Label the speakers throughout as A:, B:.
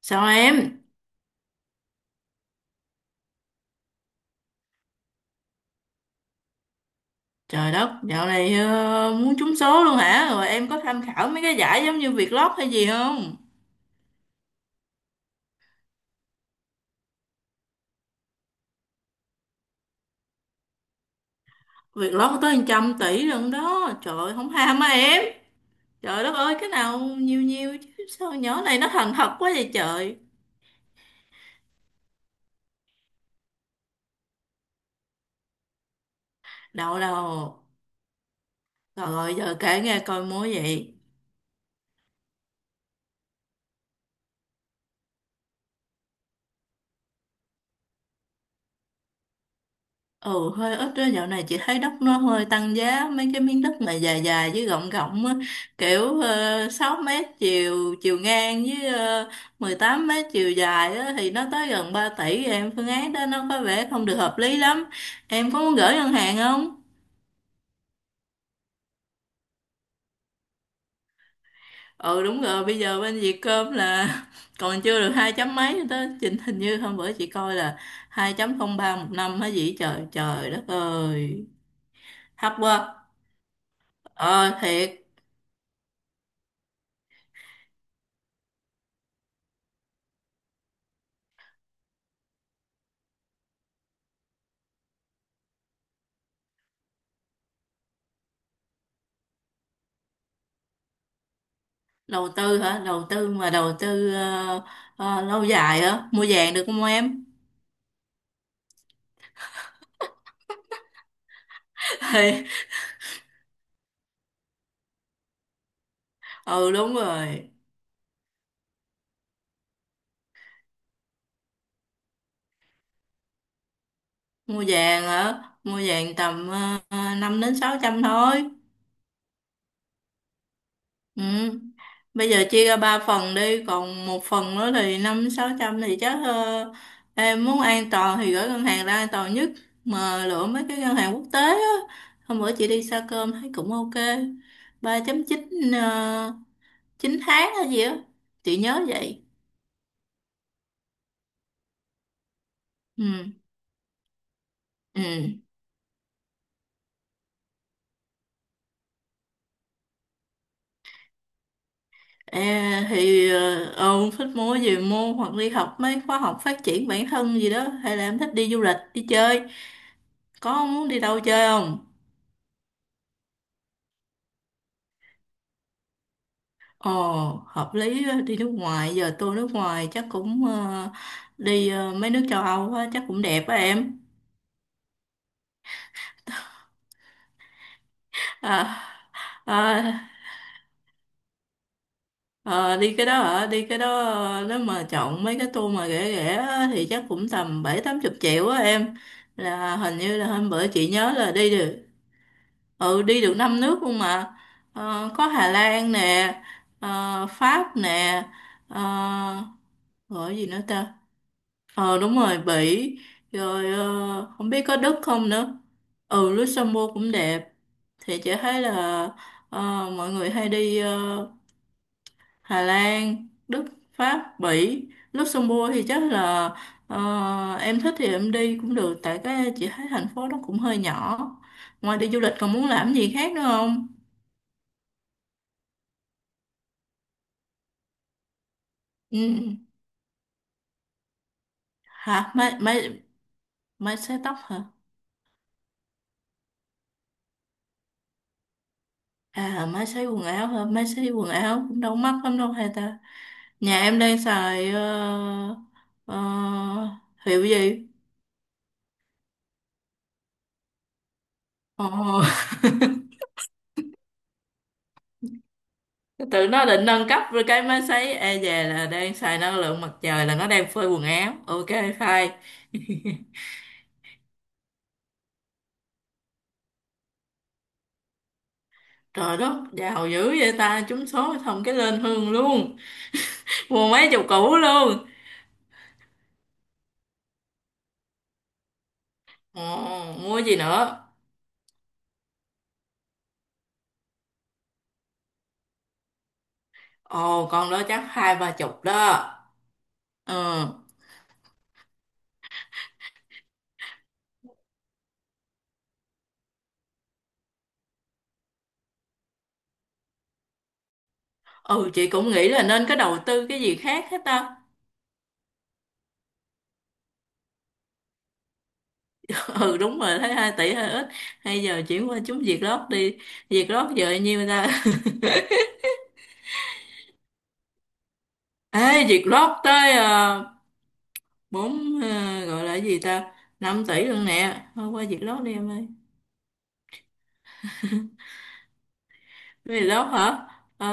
A: Sao em? Trời đất, dạo này muốn trúng số luôn hả? Rồi em có tham khảo mấy cái giải giống như Vietlott hay gì không? Vietlott có tới 100 tỷ lận đó. Trời ơi, không ham á em. Trời đất ơi, cái nào nhiều nhiều chứ sao nhỏ này nó thành thật quá vậy trời. Đâu đâu. Rồi giờ kể nghe coi múa vậy. Ừ, hơi ít đó, dạo này chị thấy đất nó hơi tăng giá, mấy cái miếng đất mà dài dài với rộng rộng á, kiểu 6 mét chiều chiều ngang với 18 mét chiều dài á, thì nó tới gần 3 tỷ rồi em, phương án đó nó có vẻ không được hợp lý lắm. Em có muốn gửi ngân hàng không? Ừ đúng rồi, bây giờ bên Vietcom là còn chưa được hai chấm mấy nữa đó, trình hình như hôm bữa chị coi là hai chấm không ba một năm hả gì, trời trời đất ơi, thấp quá. Ờ thiệt. Đầu tư hả? Đầu tư mà, đầu tư lâu dài hả? Mua vàng được không em? Ừ đúng rồi, mua vàng hả? Mua vàng tầm 5 đến 600 thôi. Ừ. Bây giờ chia ra ba phần đi, còn một phần nữa thì 5 đến sáu trăm, thì chắc em muốn an toàn thì gửi ngân hàng ra, an toàn nhất. Mà lựa mấy cái ngân hàng quốc tế á, hôm bữa chị đi xa cơm thấy cũng ok. 3,9 uh, 9 tháng hay gì á, chị nhớ vậy. Ừ. Ừ. À, thì ông thích mua gì mua, hoặc đi học mấy khóa học phát triển bản thân gì đó, hay là em thích đi du lịch đi chơi? Có muốn đi đâu chơi không? Ồ, hợp lý á, đi nước ngoài giờ, tôi nước ngoài chắc cũng đi mấy nước châu Âu á, chắc cũng đẹp á em. à, à, ờ, Đi cái đó hả? Đi cái đó nếu mà chọn mấy cái tour mà rẻ rẻ á, thì chắc cũng tầm bảy tám chục triệu á em. Là hình như là hôm bữa chị nhớ là đi được, ừ, đi được năm nước luôn mà. Ờ, có Hà Lan nè, Pháp nè, ờ, rồi gì nữa ta, ờ đúng rồi, Bỉ, rồi không biết có Đức không nữa. Ừ, Luxembourg cũng đẹp. Thì chị thấy là ờ, mọi người hay đi Hà Lan, Đức, Pháp, Bỉ, Luxembourg, thì chắc là em thích thì em đi cũng được, tại cái chị thấy thành phố nó cũng hơi nhỏ. Ngoài đi du lịch còn muốn làm gì khác nữa không? Ừ. Hả? Máy máy máy sấy tóc hả? À, máy sấy quần áo hả? Máy sấy quần áo cũng đâu mắc lắm đâu hay ta. Nhà em đang xài ờ, hiệu gì? Ồ. Tự nó định nâng cấp rồi, cái máy sấy e về là đang xài năng lượng mặt trời, là nó đang phơi quần áo. Ok fine. Trời đất, giàu dữ vậy ta, trúng số xong cái lên hương luôn. Mua mấy chục củ luôn. Ồ, mua gì nữa? Ồ, con đó chắc hai ba chục đó. Ừ. Ừ, chị cũng nghĩ là nên có đầu tư cái gì khác hết ta. Ừ, đúng rồi, thấy 2 tỷ hơi ít. Hay giờ chuyển qua chúng Việt Lót đi. Việt Lót giờ bao nhiêu ta? Ê, Việt Lót tới uh, 4, gọi là cái gì ta? Năm tỷ luôn nè. Thôi qua Việt Lót đi em ơi. Vì lớp hả? Ờ,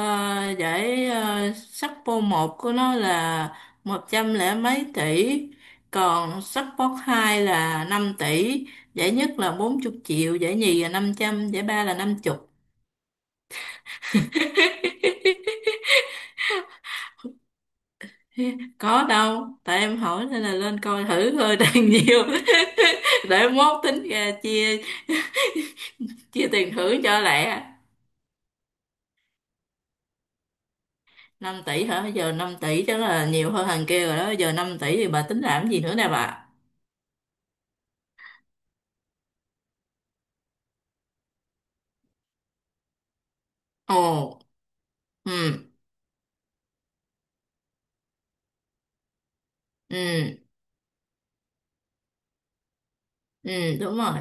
A: giải sắc vô một của nó là một trăm lẻ mấy tỷ, còn sắc vô hai là 5 tỷ, giải nhất là bốn chục triệu, giải nhì là năm trăm, giải ba là năm chục. Có đâu, tại em hỏi nên là lên coi thử thôi, đang nhiều. Để mốt tính ra chia chia tiền thưởng cho lẹ. Năm tỷ hả? Giờ năm tỷ chắc là nhiều hơn thằng kia rồi đó, giờ 5 tỷ thì bà tính làm gì nữa nè bà? Ồ. Ừ. Ừ. Ừ đúng rồi.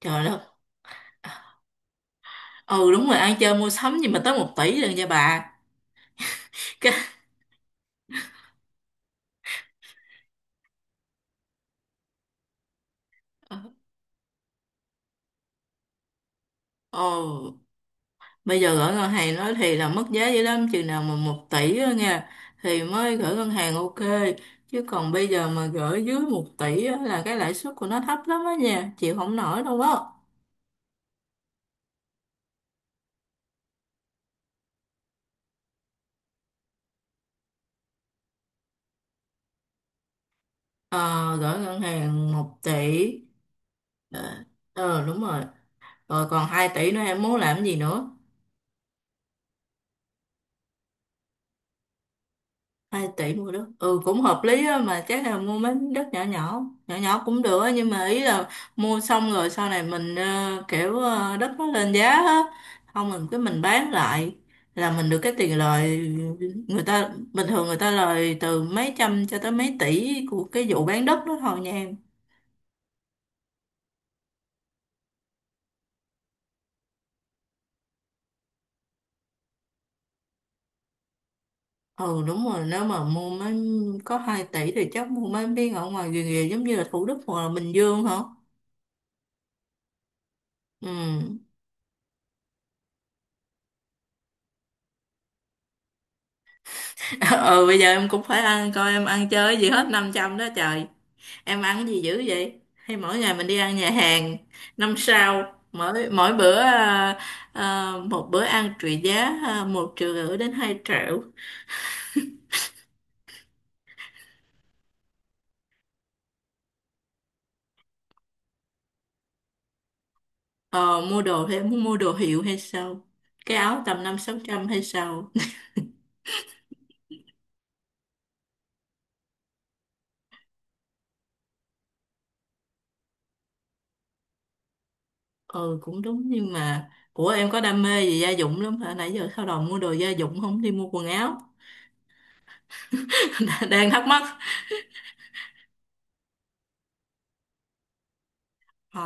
A: Trời đất. Ừ đúng rồi, ăn chơi mua sắm gì mà tới một tỷ lần nha bà. Cái- Ồ, bây giờ gửi ngân hàng nói thì là mất giá dữ lắm, chừng nào mà một tỷ á nha, thì mới gửi ngân hàng ok. Chứ còn bây giờ mà gửi dưới một tỷ á, là cái lãi suất của nó thấp lắm á nha, chịu không nổi đâu á. Ờ Gửi ngân hàng một tỷ. ờ Đúng rồi. Rồi còn 2 tỷ nữa em muốn làm gì nữa? Hai tỷ mua đất, ừ cũng hợp lý á, mà chắc là mua mấy miếng đất nhỏ nhỏ, nhỏ nhỏ cũng được á. Nhưng mà ý là mua xong rồi sau này mình kiểu đất nó lên giá á, không mình cái mình bán lại, là mình được cái tiền lời. Người ta bình thường người ta lời từ mấy trăm cho tới mấy tỷ của cái vụ bán đất đó thôi nha em. Ừ đúng rồi, nếu mà mua mấy, có 2 tỷ thì chắc mua mấy miếng ở ngoài rìa rìa, giống như là Thủ Đức hoặc là Bình Dương hả? Ừ. ờ Bây giờ em cũng phải ăn, coi em ăn chơi cái gì hết 500 đó trời. Em ăn cái gì dữ vậy, hay mỗi ngày mình đi ăn nhà hàng năm sao, mỗi mỗi bữa một bữa ăn trị giá một triệu rưỡi đến hai triệu. Ờ, Mua đồ thì em muốn mua đồ hiệu hay sao, cái áo tầm năm sáu trăm hay sao? Ừ cũng đúng, nhưng mà của em có đam mê gì gia dụng lắm hả, nãy giờ sao đầu mua đồ gia dụng không đi mua quần áo. Đang thắc mắc. ờ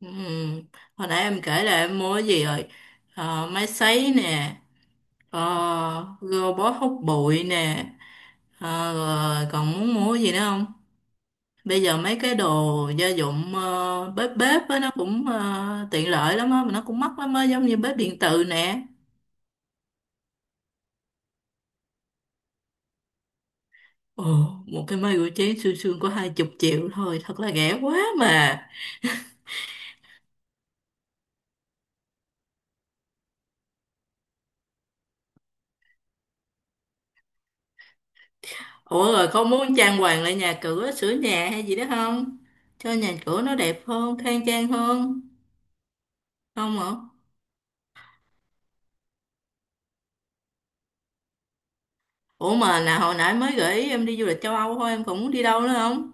A: Ừ. Hồi nãy em kể là em mua cái gì rồi? Ờ, máy sấy nè, robot hút bụi nè. Ờ, rồi còn muốn mua cái gì nữa không? Bây giờ mấy cái đồ gia dụng bếp bếp á, nó cũng tiện lợi lắm á, mà nó cũng mắc lắm á, giống như bếp điện từ nè. Ồ, một cái máy rửa chén xương xương có hai chục triệu thôi, thật là rẻ quá mà. Ủa rồi không muốn trang hoàng lại nhà cửa, sửa nhà hay gì đó không, cho nhà cửa nó đẹp hơn, khang trang hơn? Không hả? Ủa mà là hồi nãy mới gửi em đi du lịch châu Âu thôi, em còn muốn đi đâu nữa không?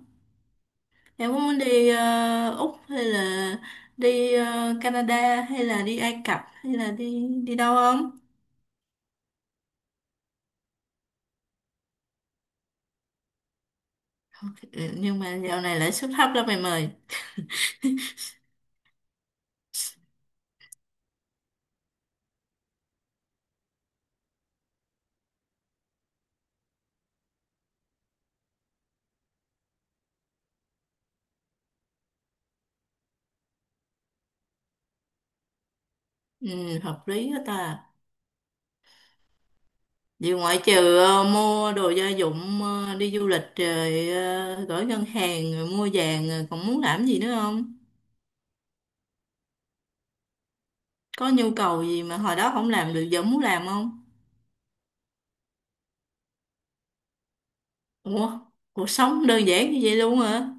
A: Em có muốn đi Úc, hay là đi Canada, hay là đi Ai Cập, hay là đi đi đâu không? Ừ, nhưng mà dạo này lãi suất thấp lắm em ơi. Ừ, hợp lý hết ta. Vì ngoại trừ mua đồ gia dụng, đi du lịch rồi, gửi ngân hàng rồi, mua vàng rồi, còn muốn làm gì nữa không? Có nhu cầu gì mà hồi đó không làm được giờ muốn làm không? Ủa, cuộc sống đơn giản như vậy luôn hả?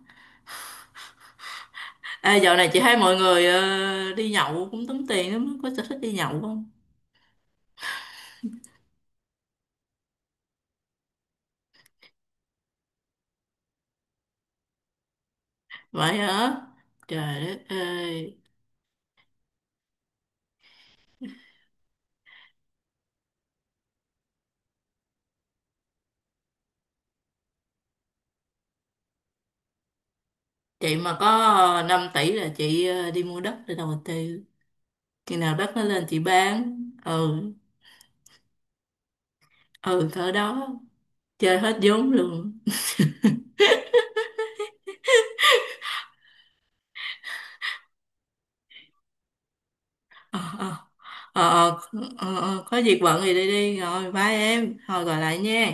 A: À, dạo này chị thấy mọi người đi nhậu cũng tốn tiền lắm, có sở thích đi nhậu không? Vậy hả? Trời đất ơi, chị mà có 5 tỷ là chị đi mua đất để đầu tư. Khi nào đất nó lên chị bán, ừ, ừ cỡ đó, chơi hết vốn luôn. Ờ, ờ, ờ, ờ, ờ, ờ, có việc bận thì đi đi, rồi bye em, thôi gọi lại nha.